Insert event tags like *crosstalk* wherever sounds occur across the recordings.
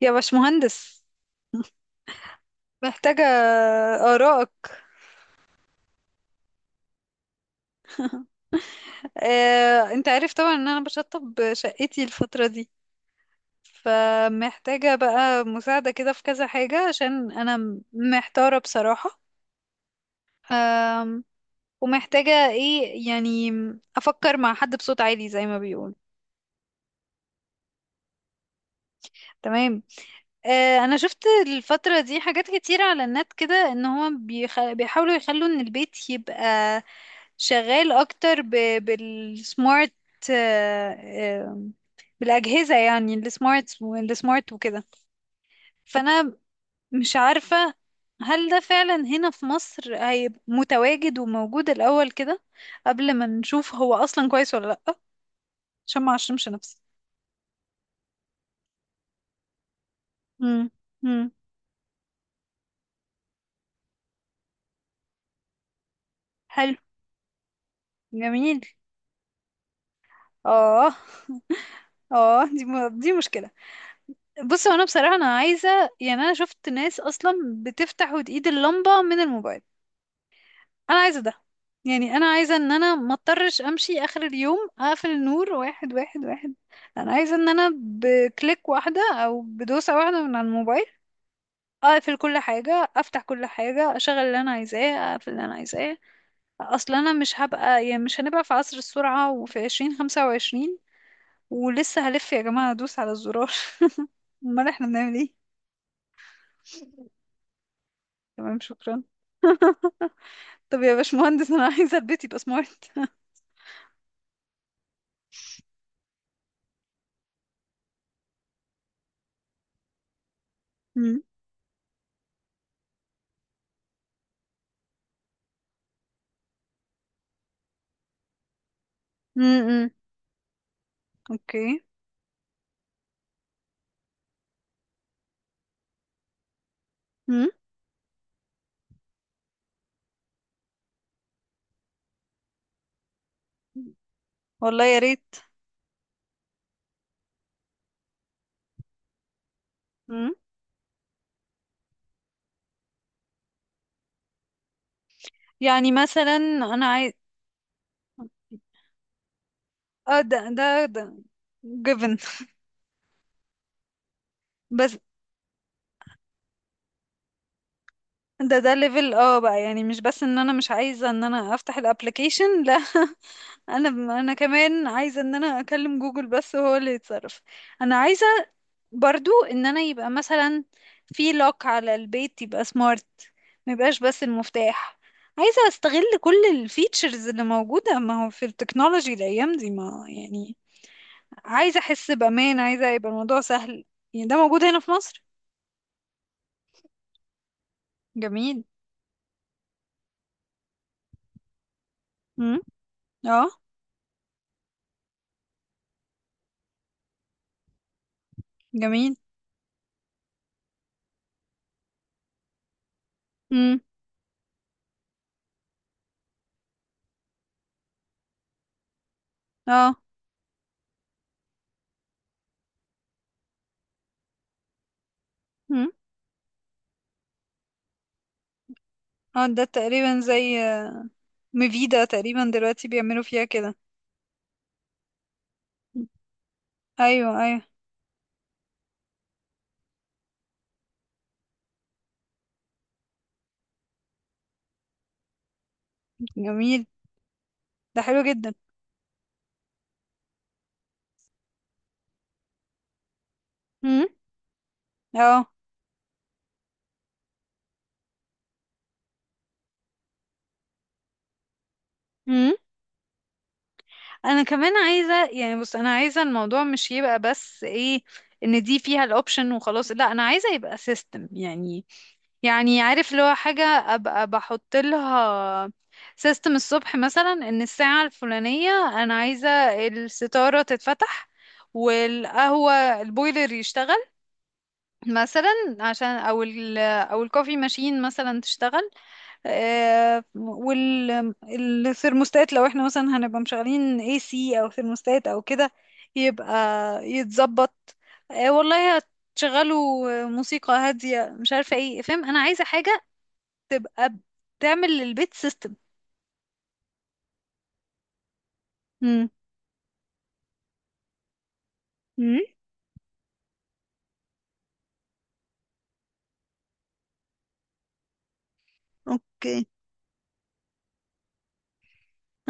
يا باشمهندس، محتاجة آرائك. انت عارف طبعا ان انا بشطب شقتي الفترة دي، فمحتاجة بقى مساعدة كده في كذا حاجة عشان انا محتارة بصراحة. آم، ومحتاجة ايه يعني، افكر مع حد بصوت عالي زي ما بيقول. تمام. انا شفت الفترة دي حاجات كتيرة على النت كده ان هو بيحاولوا يخلوا ان البيت يبقى شغال اكتر بالسمارت. آه، آه، بالاجهزة، يعني السمارت والسمارت وكده. فانا مش عارفة هل ده فعلا هنا في مصر هيبقى متواجد وموجود الاول كده، قبل ما نشوف هو اصلا كويس ولا لا، عشان ما اعشمش نفسي. امم. امم. حلو. جميل. اه. اه، دي مشكلة. بص، هو انا بصراحة انا عايزة، يعني انا شفت ناس اصلا بتفتح وتقيد اللمبة من الموبايل. انا عايزة ده. يعني انا عايزة ان انا ما اضطرش امشي اخر اليوم اقفل النور واحد واحد واحد. انا عايزة ان انا بكليك واحدة او بدوسة واحدة من على الموبايل اقفل كل حاجة، افتح كل حاجة، اشغل اللي انا عايزاه، اقفل اللي انا عايزاه. اصلا انا مش هبقى، يعني مش هنبقى في عصر السرعة وفي 2025 ولسه هلف يا جماعة ادوس على الزرار؟ *laughs* امال احنا بنعمل ايه؟ تمام، شكرا. *laughs* طب يا باشمهندس، انا عايزة البيت يبقى سمارت. *laughs* مم. مم، مم. اوكي. مم. والله يا ريت. مم. يعني مثلا انا عايز. اه، ده. جيفن. *laughs* بس ده، ده ليفل اه بقى، يعني مش بس ان انا مش عايزه ان انا افتح الابلكيشن، لا. *laughs* انا، انا كمان عايزه ان انا اكلم جوجل بس هو اللي يتصرف. انا عايزه برضو ان انا يبقى مثلا في لوك على البيت، يبقى سمارت، ما يبقاش بس المفتاح. عايزة استغل كل الفيتشرز اللي موجودة، ما هو في التكنولوجي الايام دي، ما يعني عايزة احس بامان، عايزة يبقى الموضوع سهل. يعني ده موجود هنا في مصر؟ جميل. امم. اه. جميل. امم. اه. امم. اه، ده تقريبا زي ميفيدا، تقريبا دلوقتي بيعملوا فيها كده. ايوه، ايوه. جميل. ده حلو جدا. امم. اه. انا كمان عايزه، يعني بص، انا عايزه الموضوع مش يبقى بس ايه، ان دي فيها الاوبشن وخلاص، لا، انا عايزه يبقى سيستم. يعني يعني عارف اللي هو حاجه ابقى بحط لها سيستم الصبح، مثلا ان الساعه الفلانيه انا عايزه الستاره تتفتح، والقهوه، البويلر يشتغل مثلا، عشان او الكوفي ماشين مثلا تشتغل. والثرموستات لو احنا مثلا هنبقى مشغلين اي سي او ثرموستات او كده، يبقى يتظبط. والله هتشغلوا موسيقى هادية، مش عارفة ايه، فاهم؟ انا عايزة حاجة تبقى بتعمل للبيت سيستم. امم. امم. اوكي.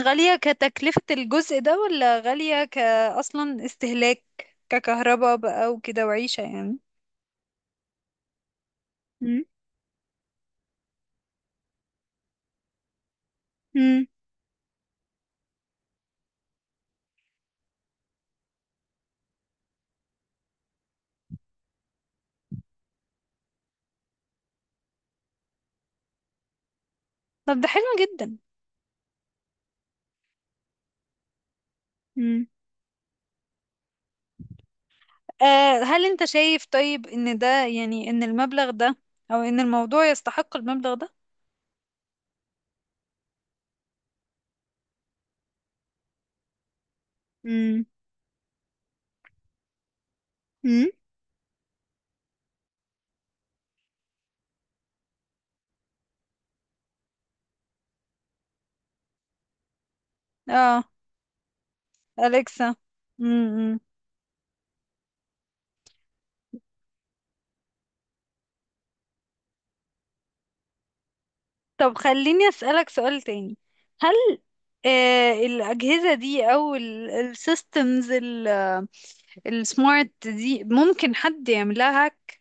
غالية كتكلفة الجزء ده، ولا غالية كأصلا استهلاك، ككهرباء بقى وكده وعيشة يعني؟ امم. امم. طب ده حلو جدا. هل انت شايف طيب ان ده، يعني ان المبلغ ده، او ان الموضوع يستحق المبلغ ده؟ امم. امم. اه. أليكسا. امم. طب خليني أسألك سؤال تاني. هل آه الأجهزة دي أو السيستمز السمارت دي ممكن حد يعملها هاك؟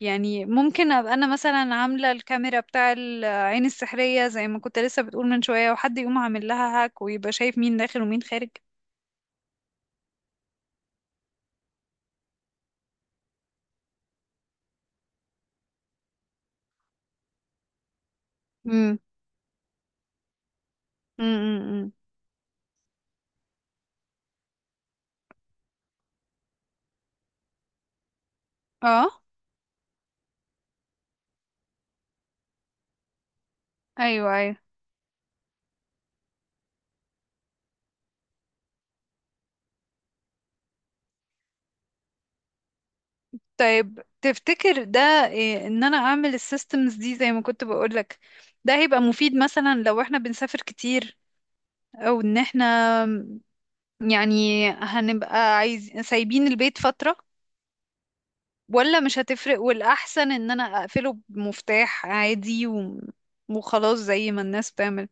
يعني ممكن أبقى أنا مثلا عاملة الكاميرا بتاع العين السحرية زي ما كنت لسه بتقول من شوية، وحد يقوم عامل لها هاك ويبقى شايف مين داخل ومين خارج؟ امم. اه. ايوه، ايوه. طيب تفتكر ده إيه، ان انا اعمل السيستمز دي زي ما كنت بقولك، ده هيبقى مفيد مثلا لو احنا بنسافر كتير، او ان احنا يعني هنبقى عايز سايبين البيت فترة، ولا مش هتفرق والاحسن ان انا اقفله بمفتاح عادي و... وخلاص زي ما الناس بتعمل؟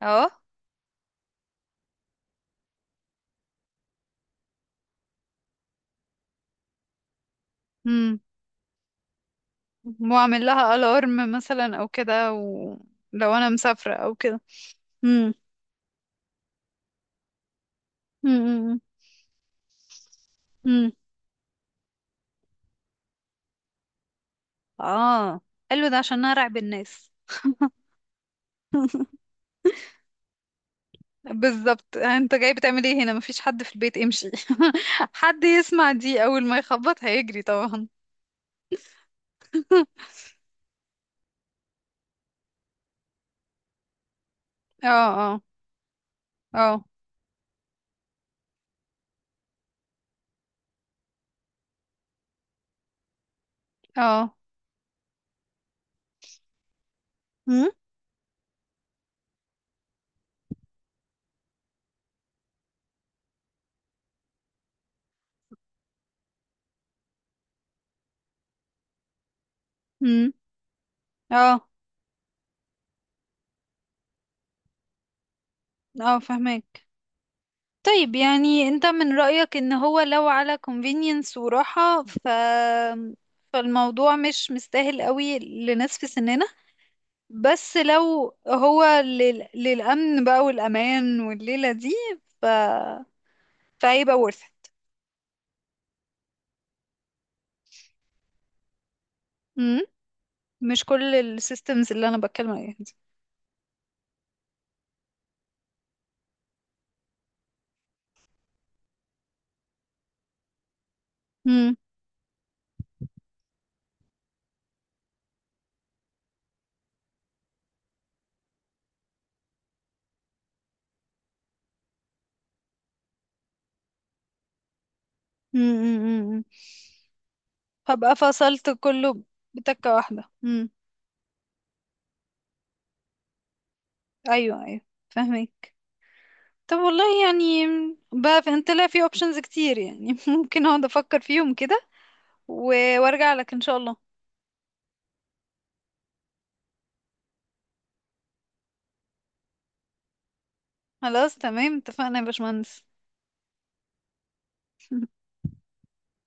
اه. امم. واعمل لها الارم مثلا او كده، ولو انا مسافرة او كده. امم. اه. قال له ده عشان انا ارعب الناس. بالظبط، انت جاي بتعمل ايه هنا؟ مفيش حد في البيت، امشي. *laughs* حد يسمع دي اول ما يخبط هيجري طبعا. *laughs* اه، اه. اه، اه. هم. هم. اه. اه، فهمك. طيب يعني انت من رأيك ان هو لو على convenience وراحة، ف، فالموضوع مش مستاهل قوي لناس في سننا، بس لو هو للأمن بقى والأمان والليلة دي، ف، فهيبقى worth it. امم. مش كل السيستمز اللي انا بتكلم عليها دي. امم. امم. هبقى فصلت كله بتكة واحدة. امم. ايوه، ايوه. فاهمك. طب والله يعني، بقى في، انت لا، في اوبشنز كتير يعني، *laughs* ممكن اقعد افكر فيهم كده وارجع لك ان شاء الله. خلاص تمام، اتفقنا يا باشمهندس. *laughs*